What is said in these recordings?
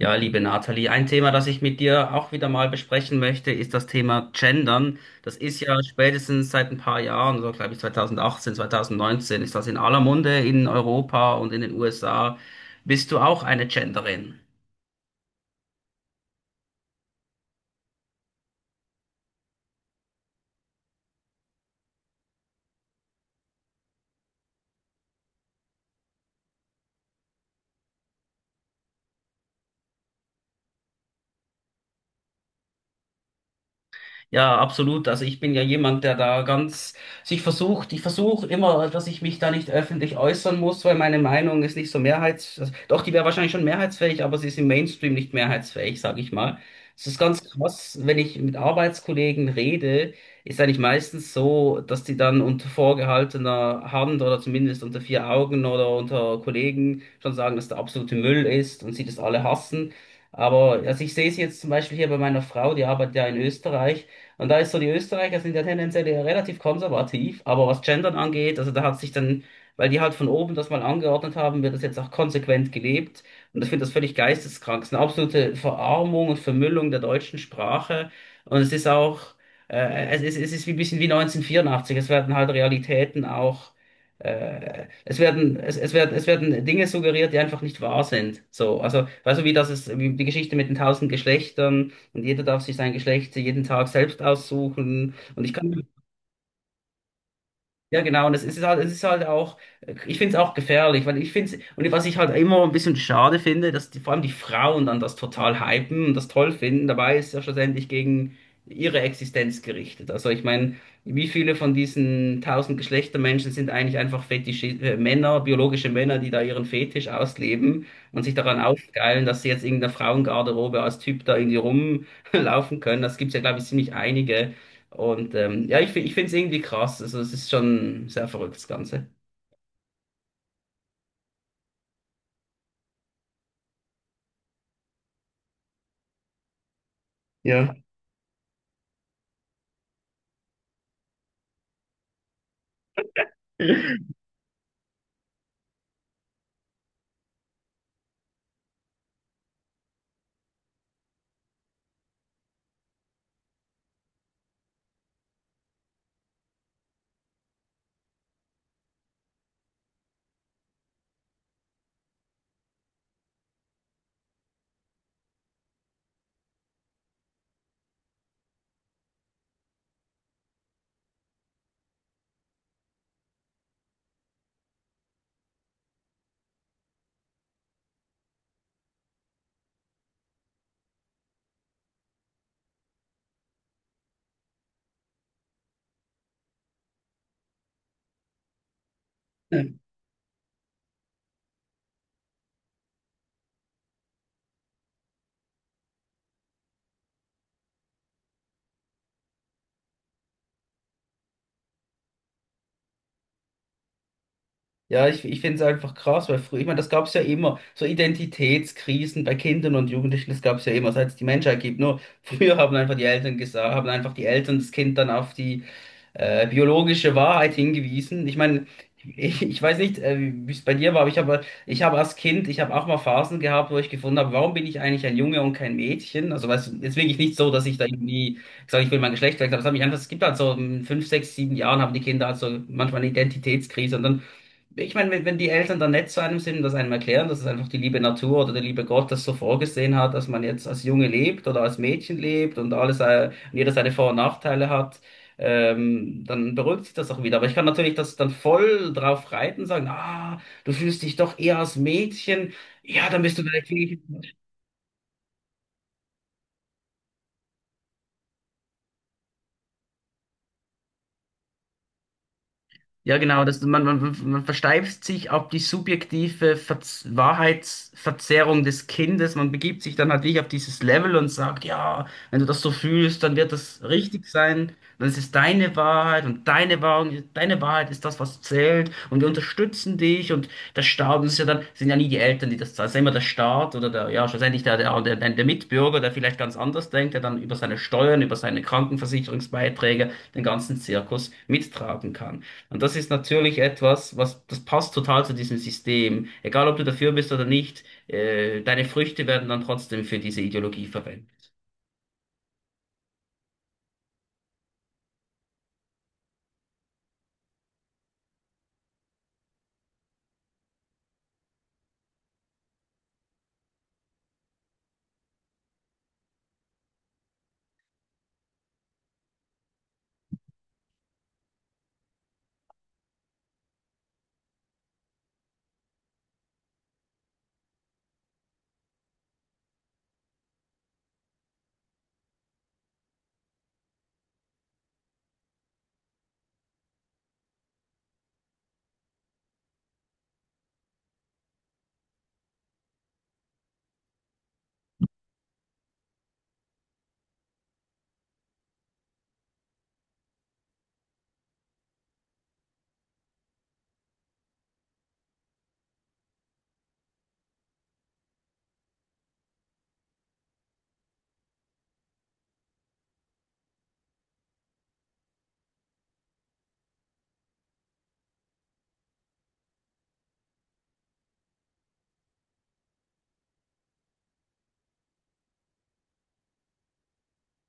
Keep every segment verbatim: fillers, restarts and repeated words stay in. Ja, liebe Nathalie, ein Thema, das ich mit dir auch wieder mal besprechen möchte, ist das Thema Gendern. Das ist ja spätestens seit ein paar Jahren, so glaube ich zwanzig achtzehn, zwanzig neunzehn, ist das in aller Munde in Europa und in den U S A. Bist du auch eine Genderin? Ja, absolut. Also ich bin ja jemand, der da ganz sich versucht, ich versuche immer, dass ich mich da nicht öffentlich äußern muss, weil meine Meinung ist nicht so mehrheits, also, doch, die wäre wahrscheinlich schon mehrheitsfähig, aber sie ist im Mainstream nicht mehrheitsfähig, sage ich mal. Es ist ganz krass, wenn ich mit Arbeitskollegen rede, ist eigentlich meistens so, dass die dann unter vorgehaltener Hand oder zumindest unter vier Augen oder unter Kollegen schon sagen, dass der absolute Müll ist und sie das alle hassen. Aber also ich sehe es jetzt zum Beispiel hier bei meiner Frau, die arbeitet ja in Österreich. Und da ist so, die Österreicher sind ja tendenziell eher relativ konservativ, aber was Gendern angeht, also da hat sich dann, weil die halt von oben das mal angeordnet haben, wird das jetzt auch konsequent gelebt. Und ich finde das völlig geisteskrank. Es ist eine absolute Verarmung und Vermüllung der deutschen Sprache. Und es ist auch, äh, es ist, es ist wie ein bisschen wie neunzehnhundertvierundachtzig. Es werden halt Realitäten auch, äh, es werden, es, es werden, es werden Dinge suggeriert, die einfach nicht wahr sind. So, also, weißt du, wie das ist, wie die Geschichte mit den tausend Geschlechtern und jeder darf sich sein Geschlecht jeden Tag selbst aussuchen. Und ich kann mir ja, genau, und es ist halt, es ist halt auch, ich finde es auch gefährlich, weil ich finde es, und was ich halt immer ein bisschen schade finde, dass die, vor allem die Frauen dann das total hypen und das toll finden, dabei ist es ja schlussendlich gegen ihre Existenz gerichtet. Also ich meine, wie viele von diesen tausend Geschlechtermenschen sind eigentlich einfach Fetisch, äh, Männer, biologische Männer, die da ihren Fetisch ausleben und sich daran aufgeilen, dass sie jetzt in der Frauengarderobe als Typ da irgendwie rumlaufen können. Das gibt's ja, glaube ich, ziemlich einige. Und ähm, ja, ich, fi- ich finde es irgendwie krass. Also es ist schon sehr verrückt, das Ganze. Ja. Ja, ich, ich finde es einfach krass, weil früher, ich meine, das gab es ja immer, so Identitätskrisen bei Kindern und Jugendlichen, das gab es ja immer, seit es die Menschheit gibt. Nur früher haben einfach die Eltern gesagt, haben einfach die Eltern das Kind dann auf die äh, biologische Wahrheit hingewiesen. Ich meine, ich, ich weiß nicht, äh, wie es bei dir war, aber ich habe, ich habe als Kind, ich habe auch mal Phasen gehabt, wo ich gefunden habe, warum bin ich eigentlich ein Junge und kein Mädchen? Also, weißt du, ist wirklich nicht so, dass ich da irgendwie gesagt, ich will mein Geschlecht wechseln, aber es hat mich einfach, es gibt halt so in fünf, sechs, sieben Jahren haben die Kinder halt so manchmal eine Identitätskrise und dann ich meine, wenn wenn die Eltern dann nett zu einem sind und das einem erklären, dass es einfach die liebe Natur oder der liebe Gott das so vorgesehen hat, dass man jetzt als Junge lebt oder als Mädchen lebt und alles, äh, und jeder seine Vor- und Nachteile hat, ähm, dann beruhigt sich das auch wieder. Aber ich kann natürlich das dann voll drauf reiten, sagen, ah, du fühlst dich doch eher als Mädchen. Ja, dann bist du vielleicht ja, genau, das, man, man, man versteift sich auf die subjektive Verz Wahrheitsverzerrung des Kindes. Man begibt sich dann halt wirklich auf dieses Level und sagt, ja, wenn du das so fühlst, dann wird das richtig sein. Dann ist es deine Wahrheit und deine Wahrheit, deine Wahrheit ist das, was zählt. Und wir unterstützen dich und der Staat, das ist ja dann, sind ja nie die Eltern, die das zahlen, es ist ja immer der Staat oder der, ja, schlussendlich der, der, der, der Mitbürger, der vielleicht ganz anders denkt, der dann über seine Steuern, über seine Krankenversicherungsbeiträge den ganzen Zirkus mittragen kann. Und das ist natürlich etwas, was, das passt total zu diesem System. Egal, ob du dafür bist oder nicht, äh, deine Früchte werden dann trotzdem für diese Ideologie verwendet.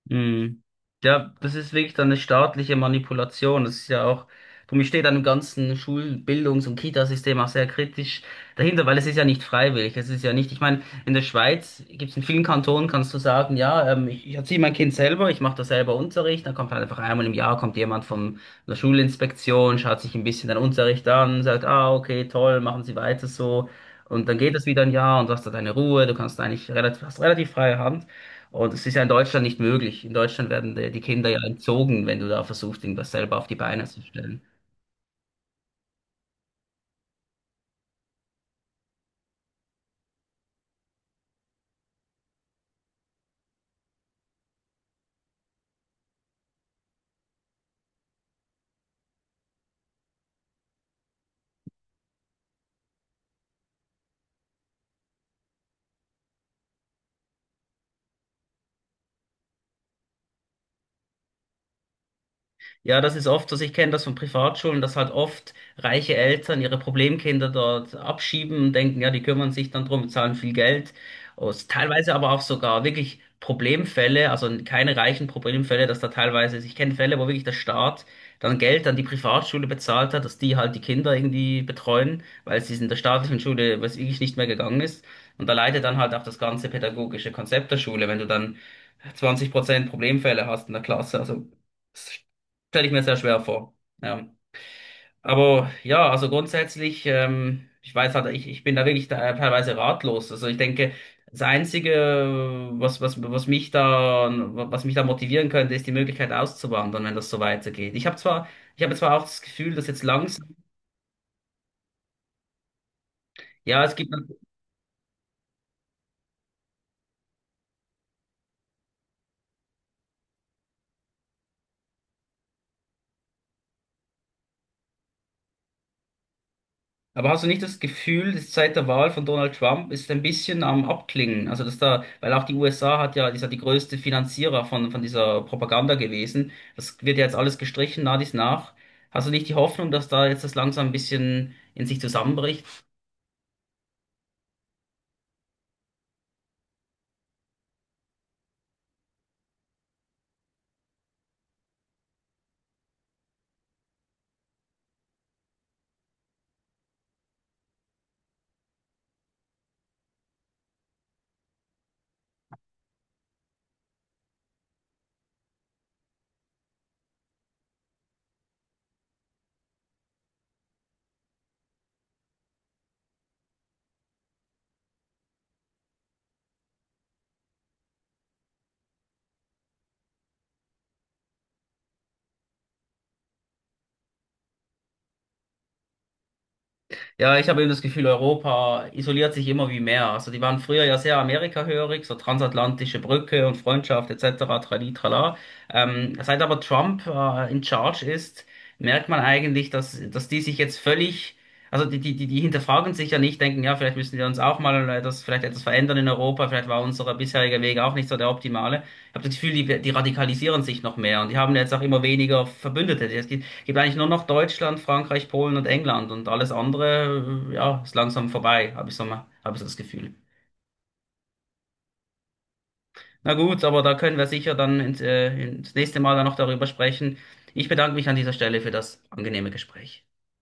Mhm. Ja, das ist wirklich dann eine staatliche Manipulation. Das ist ja auch, darum ich stehe dann im ganzen Schul-, Bildungs- und Kitasystem auch sehr kritisch dahinter, weil es ist ja nicht freiwillig. Es ist ja nicht, ich meine, in der Schweiz gibt es in vielen Kantonen, kannst du sagen, ja, ähm, ich, ich erziehe mein Kind selber, ich mache da selber Unterricht, dann kommt halt einfach einmal im Jahr, kommt jemand von der Schulinspektion, schaut sich ein bisschen den Unterricht an, sagt, ah, okay, toll, machen Sie weiter so. Und dann geht es wieder ein Jahr und du hast da deine Ruhe, du kannst eigentlich relativ, hast relativ freie Hand. Und es ist ja in Deutschland nicht möglich. In Deutschland werden die die Kinder ja entzogen, wenn du da versuchst, irgendwas selber auf die Beine zu stellen. Ja, das ist oft, so, also ich kenne das von Privatschulen, dass halt oft reiche Eltern ihre Problemkinder dort abschieben und denken, ja, die kümmern sich dann drum, zahlen viel Geld. Und teilweise aber auch sogar wirklich Problemfälle, also keine reichen Problemfälle, dass da teilweise, also ich kenne Fälle, wo wirklich der Staat dann Geld an die Privatschule bezahlt hat, dass die halt die Kinder irgendwie betreuen, weil es in der staatlichen Schule, was wirklich nicht mehr gegangen ist. Und da leidet dann halt auch das ganze pädagogische Konzept der Schule, wenn du dann zwanzig Prozent Problemfälle hast in der Klasse, also stelle ich mir sehr schwer vor. Ja. Aber ja, also grundsätzlich, ähm, ich weiß halt, ich, ich bin da wirklich da, teilweise ratlos. Also ich denke, das Einzige, was, was, was mich da, was mich da motivieren könnte, ist die Möglichkeit auszuwandern, wenn das so weitergeht. Ich habe zwar, ich habe zwar auch das Gefühl, dass jetzt langsam, ja, es gibt Aber hast du nicht das Gefühl, dass seit der Wahl von Donald Trump ist ein bisschen am Abklingen? Also dass da, weil auch die U S A hat ja, ist ja die größte Finanzierer von, von dieser Propaganda gewesen. Das wird ja jetzt alles gestrichen, nach dies nach. Hast du nicht die Hoffnung, dass da jetzt das langsam ein bisschen in sich zusammenbricht? Ja, ich habe eben das Gefühl, Europa isoliert sich immer wie mehr. Also die waren früher ja sehr amerikahörig, so transatlantische Brücke und Freundschaft et cetera. Trali, trala. Ähm, seit aber Trump äh, in Charge ist, merkt man eigentlich, dass, dass die sich jetzt völlig, also die, die, die, die hinterfragen sich ja nicht, denken, ja, vielleicht müssen wir uns auch mal äh, das, vielleicht etwas verändern in Europa, vielleicht war unser bisheriger Weg auch nicht so der optimale. Ich habe das Gefühl, die, die radikalisieren sich noch mehr und die haben jetzt auch immer weniger Verbündete. Gibt eigentlich nur noch Deutschland, Frankreich, Polen und England und alles andere, äh, ja, ist langsam vorbei, habe ich so mal, habe ich so das Gefühl. Na gut, aber da können wir sicher dann ins, äh, ins nächste Mal dann noch darüber sprechen. Ich bedanke mich an dieser Stelle für das angenehme Gespräch.